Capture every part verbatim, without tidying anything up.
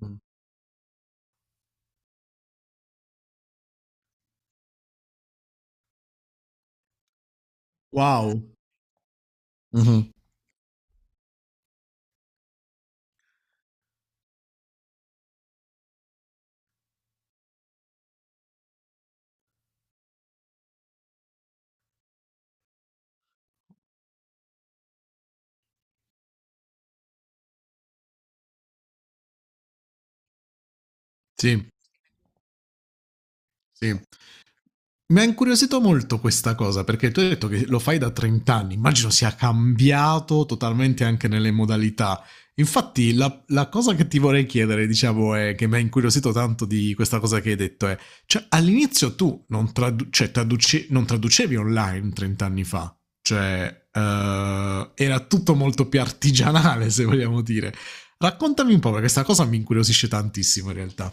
Mh. Wow. Mh-mh. Sì, sì. Mi ha incuriosito molto questa cosa, perché tu hai detto che lo fai da trenta anni, immagino sia cambiato totalmente anche nelle modalità. Infatti la la cosa che ti vorrei chiedere, diciamo, è che mi ha incuriosito tanto di questa cosa che hai detto è, cioè all'inizio tu non tradu cioè traduce non traducevi online trenta anni fa, cioè, ehm, era tutto molto più artigianale se vogliamo dire. Raccontami un po', perché 'sta cosa mi incuriosisce tantissimo in realtà.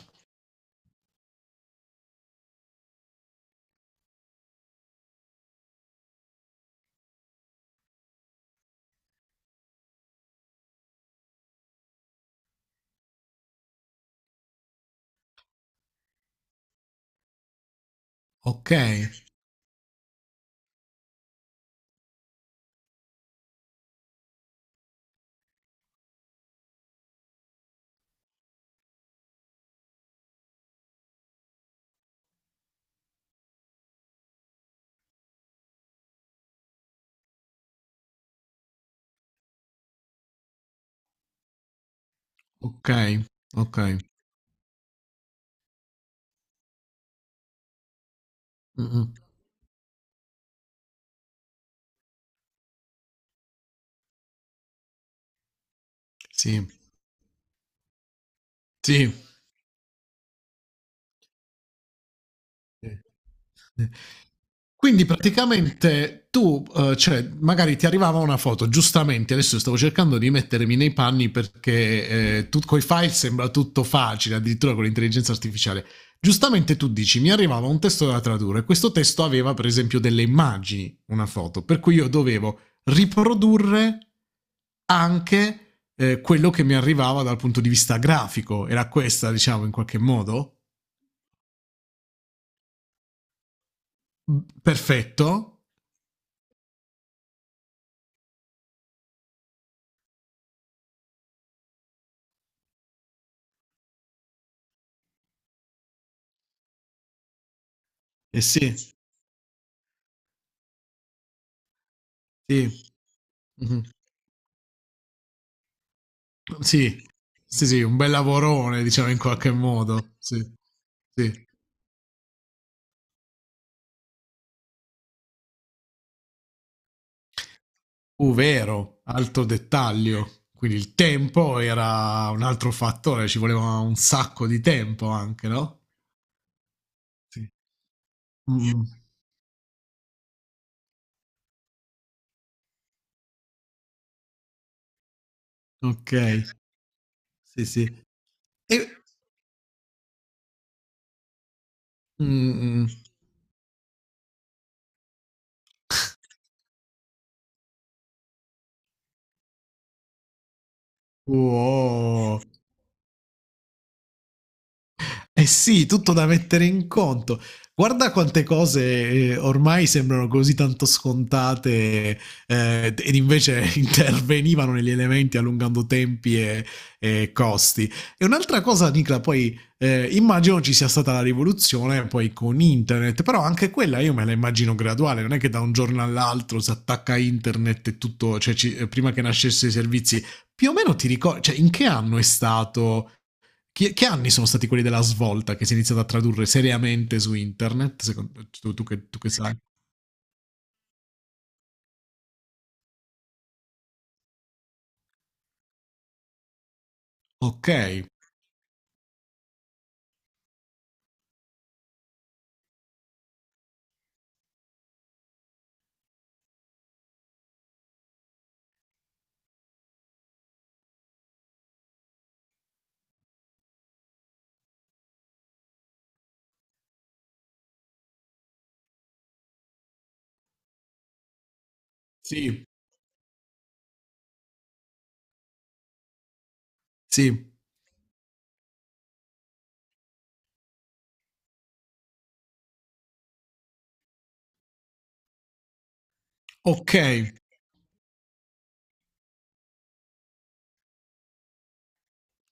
Okay, okay, okay. Mh-mh. Sì, sì. Eh. Eh. Quindi praticamente tu, eh, cioè, magari ti arrivava una foto, giustamente, adesso stavo cercando di mettermi nei panni perché eh, tu coi file sembra tutto facile, addirittura con l'intelligenza artificiale. Giustamente tu dici, mi arrivava un testo da tradurre, questo testo aveva per esempio delle immagini, una foto, per cui io dovevo riprodurre anche eh, quello che mi arrivava dal punto di vista grafico. Era questa, diciamo, in qualche modo? Perfetto. Eh sì, sì. Mh-mh. Sì, sì, sì, un bel lavorone diciamo in qualche modo. Sì, sì. Uh, vero, alto dettaglio. Quindi il tempo era un altro fattore, ci voleva un sacco di tempo anche, no? Sì. Mh, okay. Sì, sì. E mh-mh. Wow. Eh sì, tutto da mettere in conto. Guarda quante cose eh, ormai sembrano così tanto scontate eh, ed invece intervenivano negli elementi allungando tempi e, e costi. E un'altra cosa, Nicla, poi eh, immagino ci sia stata la rivoluzione poi con internet, però anche quella io me la immagino graduale, non è che da un giorno all'altro si attacca internet e tutto, cioè ci- eh, prima che nascessero i servizi, più o meno ti ricordi, cioè in che anno è stato chi- che anni sono stati quelli della svolta che si è iniziato a tradurre seriamente su internet? Secondo, tu, tu che, tu che sai? Ok, sì, sì, ok,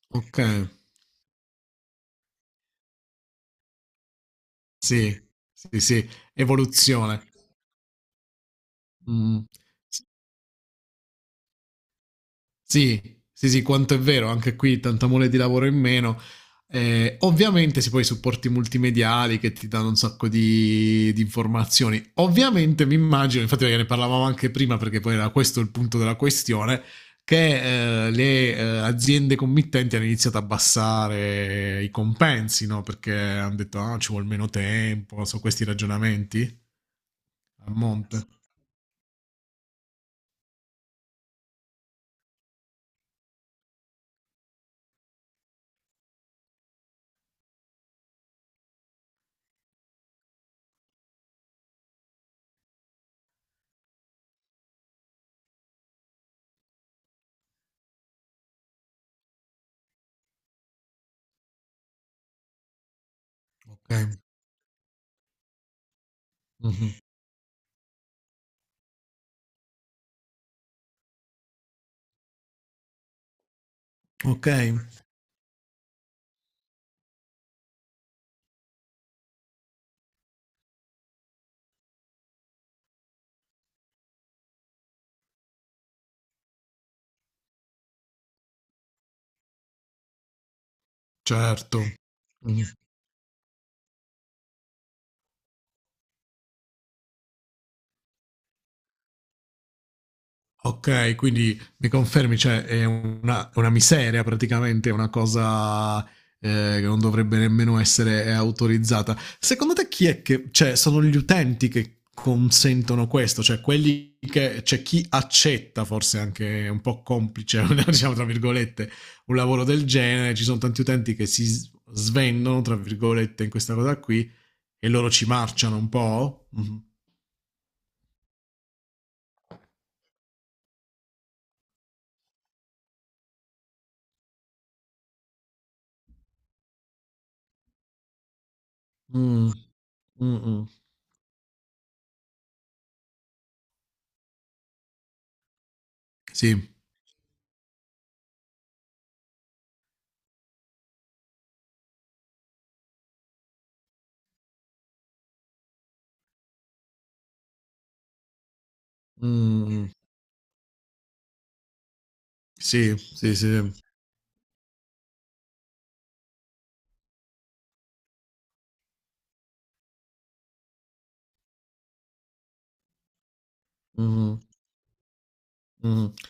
ok, sì, sì, sì, evoluzione. Mm. Sì, sì, sì, quanto è vero, anche qui tanta mole di lavoro in meno. Eh, ovviamente si poi i supporti multimediali che ti danno un sacco di, di informazioni. Ovviamente mi immagino, infatti perché ne parlavamo anche prima perché poi era questo il punto della questione, che eh, le eh, aziende committenti hanno iniziato a abbassare i compensi, no? Perché hanno detto ah, ci vuole meno tempo, sono questi ragionamenti a monte. Ok. Mhm. Ok, certo. Mhm. Ok, quindi mi confermi, cioè è una, una miseria praticamente, è una cosa eh, che non dovrebbe nemmeno essere eh, autorizzata. Secondo te chi è che, cioè sono gli utenti che consentono questo, cioè quelli che, c'è chi accetta forse anche un po' complice, diciamo tra virgolette, un lavoro del genere, ci sono tanti utenti che si s- svendono, tra virgolette, in questa cosa qui e loro ci marciano un po'? Mhm. Mm, mm, mm. Sì. Mm, mm. Sì, sì, sì. Mh-mh, mh-mh.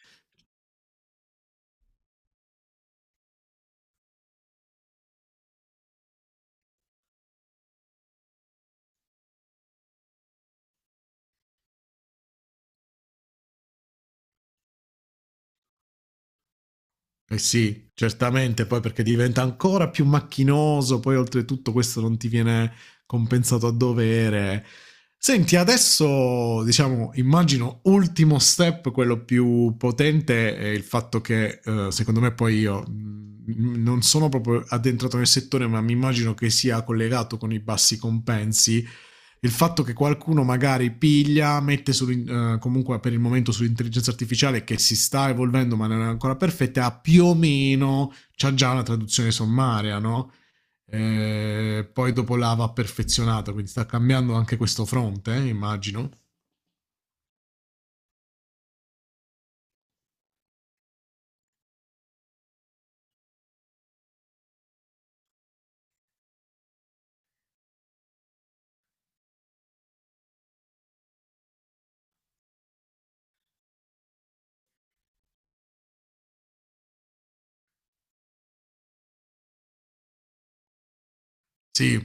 Eh sì, certamente poi perché diventa ancora più macchinoso, poi oltretutto questo non ti viene compensato a dovere. Senti, adesso diciamo, immagino ultimo step, quello più potente, è il fatto che eh, secondo me poi io mh, non sono proprio addentrato nel settore, ma mi immagino che sia collegato con i bassi compensi. Il fatto che qualcuno magari piglia, mette su, eh, comunque per il momento sull'intelligenza artificiale che si sta evolvendo ma non è ancora perfetta, ha più o meno, c'ha già una traduzione sommaria, no? Eh, poi dopo la va perfezionata, quindi sta cambiando anche questo fronte, eh, immagino. Sì.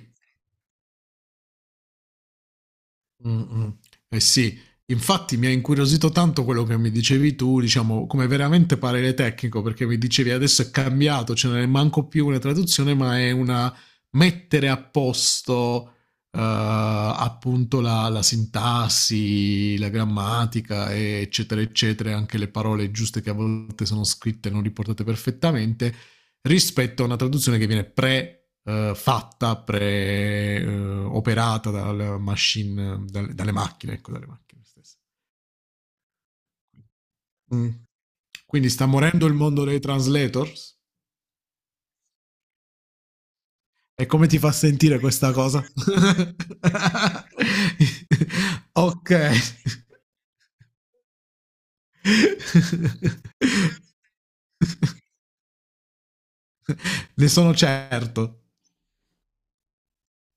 Mh-mh. Eh sì, infatti mi ha incuriosito tanto quello che mi dicevi tu, diciamo, come veramente parere tecnico, perché mi dicevi adesso è cambiato, cioè non è manco più una traduzione, ma è una mettere a posto, eh, appunto la, la sintassi, la grammatica, e eccetera, eccetera, e anche le parole giuste che a volte sono scritte e non riportate perfettamente, rispetto a una traduzione che viene pre eh, fatta, pre, eh, operata dal machine, dal- dalle macchine, ecco, dalle macchine stesse. Mm. Quindi sta morendo il mondo dei translators? E come ti fa sentire questa cosa? Ok. Ne sono certo.